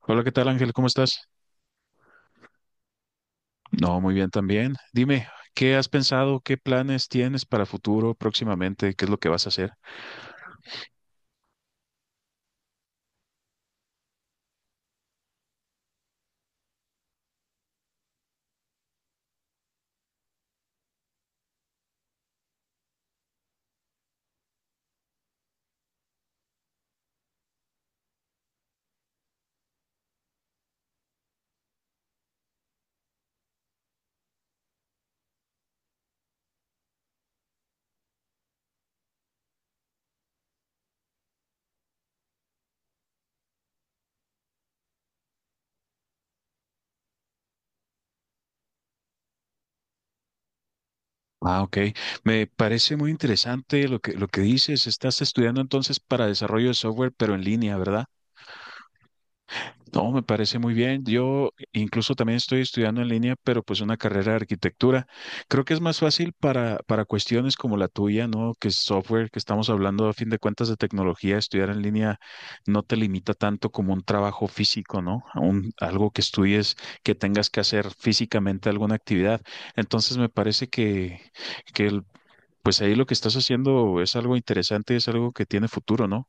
Hola, ¿qué tal, Ángel? ¿Cómo estás? No, muy bien también. Dime, ¿qué has pensado? ¿Qué planes tienes para futuro próximamente? ¿Qué es lo que vas a hacer? Ah, ok. Me parece muy interesante lo que dices. Estás estudiando entonces para desarrollo de software, pero en línea, ¿verdad? No, me parece muy bien. Yo incluso también estoy estudiando en línea, pero pues una carrera de arquitectura. Creo que es más fácil para cuestiones como la tuya, ¿no? Que es software, que estamos hablando a fin de cuentas de tecnología, estudiar en línea no te limita tanto como un trabajo físico, ¿no? Algo que estudies, que tengas que hacer físicamente alguna actividad. Entonces me parece que pues ahí lo que estás haciendo es algo interesante, es algo que tiene futuro, ¿no?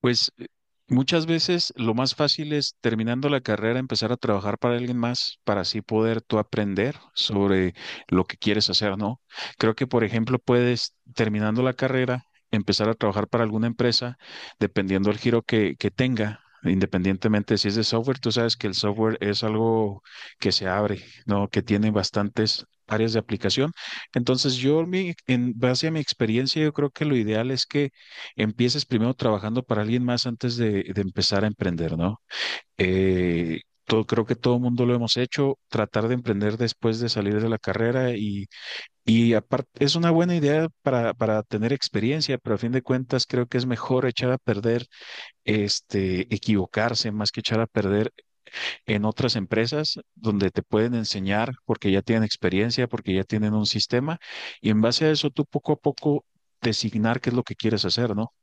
Pues muchas veces lo más fácil es terminando la carrera empezar a trabajar para alguien más para así poder tú aprender sobre lo que quieres hacer, ¿no? Creo que, por ejemplo, puedes terminando la carrera empezar a trabajar para alguna empresa dependiendo del giro que tenga. Independientemente si es de software, tú sabes que el software es algo que se abre, ¿no? Que tiene bastantes áreas de aplicación. Entonces, en base a mi experiencia, yo creo que lo ideal es que empieces primero trabajando para alguien más antes de empezar a emprender, ¿no? Creo que todo el mundo lo hemos hecho, tratar de emprender después de salir de la carrera y aparte es una buena idea para tener experiencia, pero a fin de cuentas creo que es mejor echar a perder, equivocarse más que echar a perder en otras empresas donde te pueden enseñar porque ya tienen experiencia, porque ya tienen un sistema y en base a eso tú poco a poco designar qué es lo que quieres hacer, ¿no?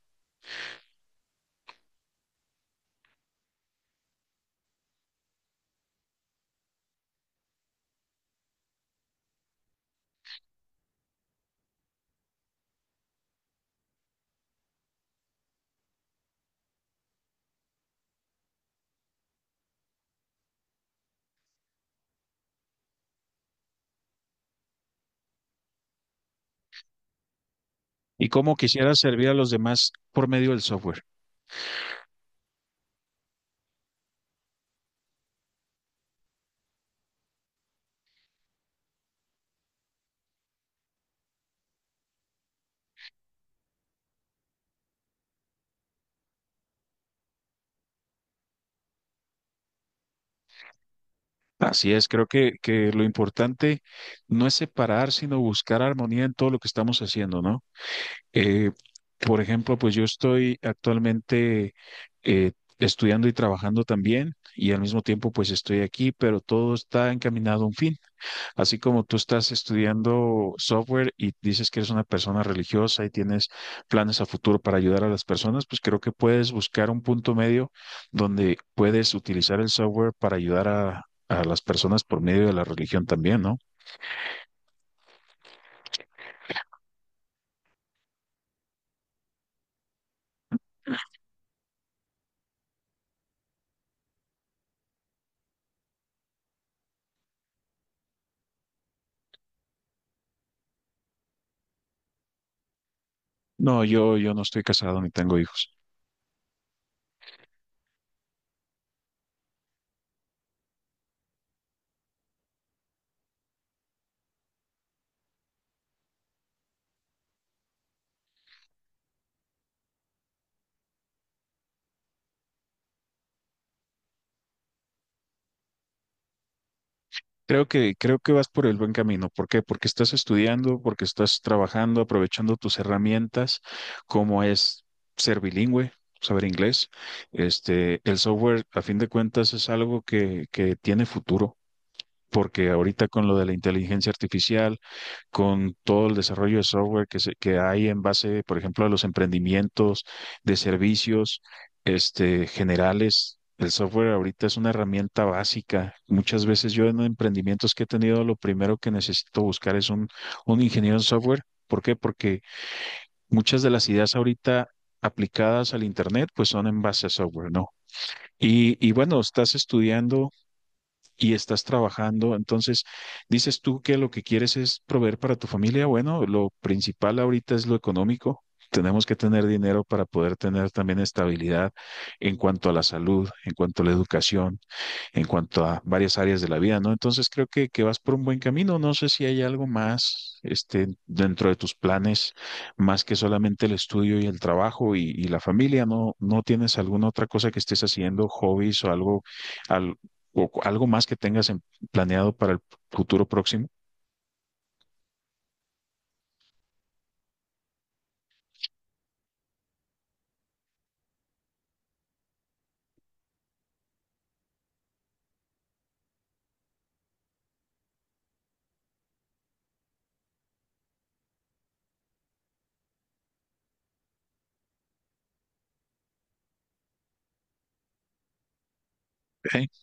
¿Y cómo quisieras servir a los demás por medio del software? Así es, creo que lo importante no es separar, sino buscar armonía en todo lo que estamos haciendo, ¿no? Eh, por ejemplo, pues yo estoy actualmente, eh, estudiando y trabajando también y al mismo tiempo pues estoy aquí, pero todo está encaminado a un fin. Así como tú estás estudiando software y dices que eres una persona religiosa y tienes planes a futuro para ayudar a las personas, pues creo que puedes buscar un punto medio donde puedes utilizar el software para ayudar a las personas por medio de la religión también, ¿no? No, yo no estoy casado ni tengo hijos. Creo que vas por el buen camino. ¿Por qué? Porque estás estudiando, porque estás trabajando, aprovechando tus herramientas, como es ser bilingüe, saber inglés. Este, el software, a fin de cuentas, es algo que tiene futuro, porque ahorita con lo de la inteligencia artificial, con todo el desarrollo de software que hay en base, por ejemplo, a los emprendimientos de servicios, este, generales. El software ahorita es una herramienta básica. Muchas veces yo en emprendimientos que he tenido, lo primero que necesito buscar es un ingeniero en software. ¿Por qué? Porque muchas de las ideas ahorita aplicadas al Internet, pues son en base a software, ¿no? Y bueno, estás estudiando y estás trabajando. Entonces, dices tú que lo que quieres es proveer para tu familia. Bueno, lo principal ahorita es lo económico. Tenemos que tener dinero para poder tener también estabilidad en cuanto a la salud, en cuanto a la educación, en cuanto a varias áreas de la vida, ¿no? Entonces creo que vas por un buen camino. No sé si hay algo más, este, dentro de tus planes, más que solamente el estudio y el trabajo y la familia, ¿no? ¿No tienes alguna otra cosa que estés haciendo, hobbies o algo, al- algo más que tengas planeado para el futuro próximo? Ok.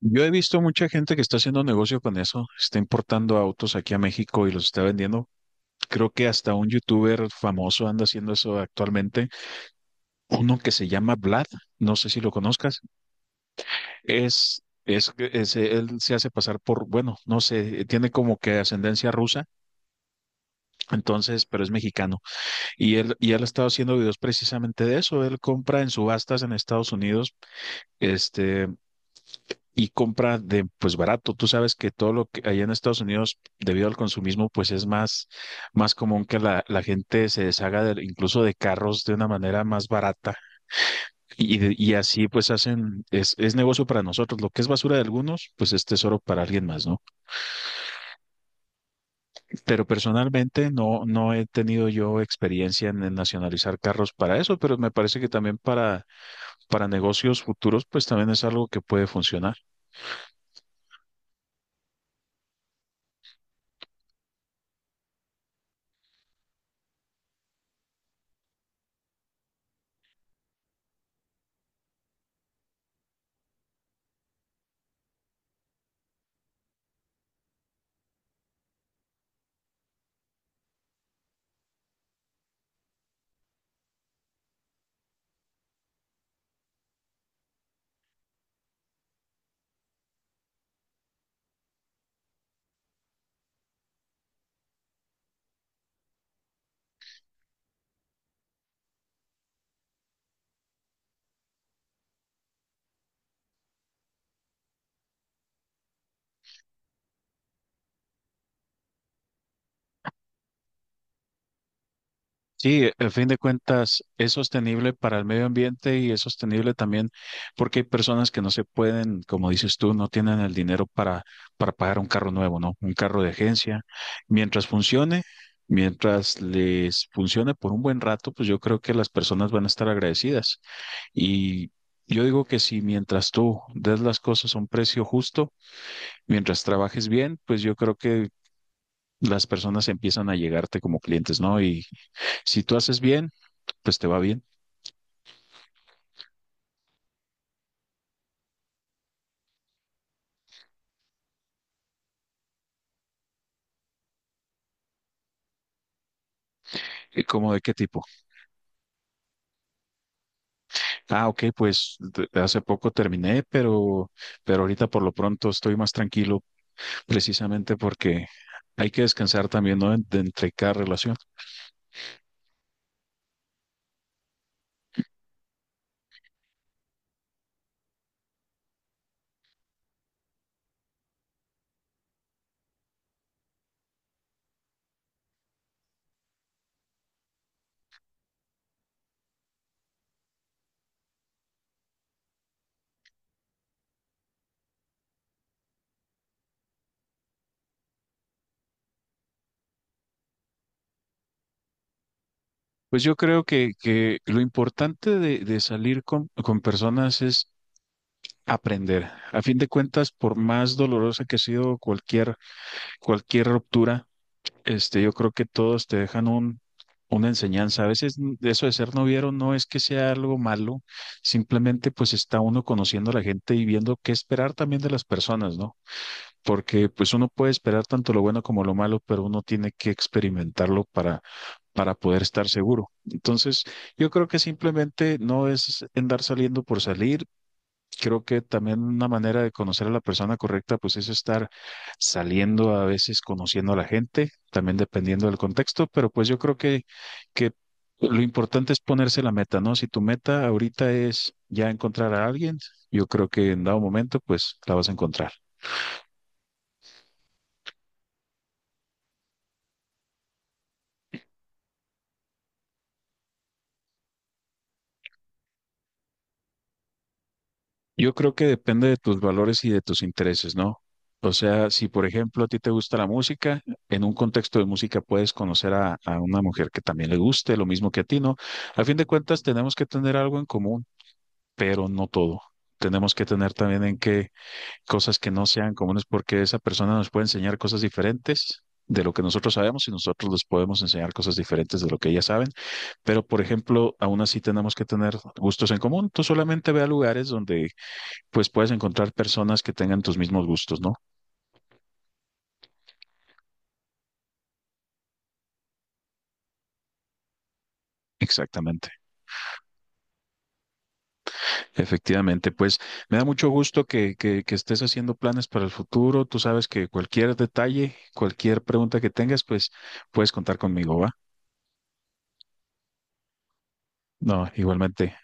Yo he visto mucha gente que está haciendo negocio con eso, está importando autos aquí a México y los está vendiendo. Creo que hasta un youtuber famoso anda haciendo eso actualmente, uno que se llama Vlad, no sé si lo conozcas, él se hace pasar por, bueno, no sé, tiene como que ascendencia rusa, entonces, pero es mexicano. Y él ha estado haciendo videos precisamente de eso, él compra en subastas en Estados Unidos, este, y compra de pues barato. Tú sabes que todo lo que allá en Estados Unidos, debido al consumismo, pues es más, más común que la gente se deshaga de, incluso de carros de una manera más barata. Y así pues hacen, es negocio para nosotros. Lo que es basura de algunos, pues es tesoro para alguien más, ¿no? Pero personalmente no, no he tenido yo experiencia en nacionalizar carros para eso, pero me parece que también para negocios futuros, pues también es algo que puede funcionar. Sí, a fin de cuentas es sostenible para el medio ambiente y es sostenible también porque hay personas que no se pueden, como dices tú, no tienen el dinero para pagar un carro nuevo, ¿no? Un carro de agencia. Mientras funcione, mientras les funcione por un buen rato, pues yo creo que las personas van a estar agradecidas. Y yo digo que si mientras tú des las cosas a un precio justo, mientras trabajes bien, pues yo creo que las personas empiezan a llegarte como clientes, ¿no? Y si tú haces bien, pues te va bien. ¿Y cómo, de qué tipo? Ah, ok, pues de hace poco terminé, pero ahorita por lo pronto estoy más tranquilo, precisamente porque hay que descansar también, ¿no? De entre cada relación. Pues yo creo que lo importante de salir con personas es aprender. A fin de cuentas, por más dolorosa que ha sido cualquier ruptura, este, yo creo que todos te dejan una enseñanza. A veces eso de ser noviero no es que sea algo malo, simplemente pues está uno conociendo a la gente y viendo qué esperar también de las personas, ¿no? Porque pues uno puede esperar tanto lo bueno como lo malo, pero uno tiene que experimentarlo para poder estar seguro. Entonces, yo creo que simplemente no es andar saliendo por salir. Creo que también una manera de conocer a la persona correcta, pues es estar saliendo a veces, conociendo a la gente, también dependiendo del contexto, pero pues yo creo que lo importante es ponerse la meta, ¿no? Si tu meta ahorita es ya encontrar a alguien, yo creo que en dado momento, pues la vas a encontrar. Yo creo que depende de tus valores y de tus intereses, ¿no? O sea, si por ejemplo a ti te gusta la música, en un contexto de música puedes conocer a una mujer que también le guste, lo mismo que a ti, ¿no? A fin de cuentas, tenemos que tener algo en común, pero no todo. Tenemos que tener también en qué cosas que no sean comunes, porque esa persona nos puede enseñar cosas diferentes de lo que nosotros sabemos y nosotros les podemos enseñar cosas diferentes de lo que ellas saben. Pero, por ejemplo, aún así tenemos que tener gustos en común. Tú solamente ve a lugares donde pues puedes encontrar personas que tengan tus mismos gustos, ¿no? Exactamente, efectivamente. Pues me da mucho gusto que estés haciendo planes para el futuro. Tú sabes que cualquier detalle, cualquier pregunta que tengas, pues puedes contar conmigo, ¿va? No, igualmente.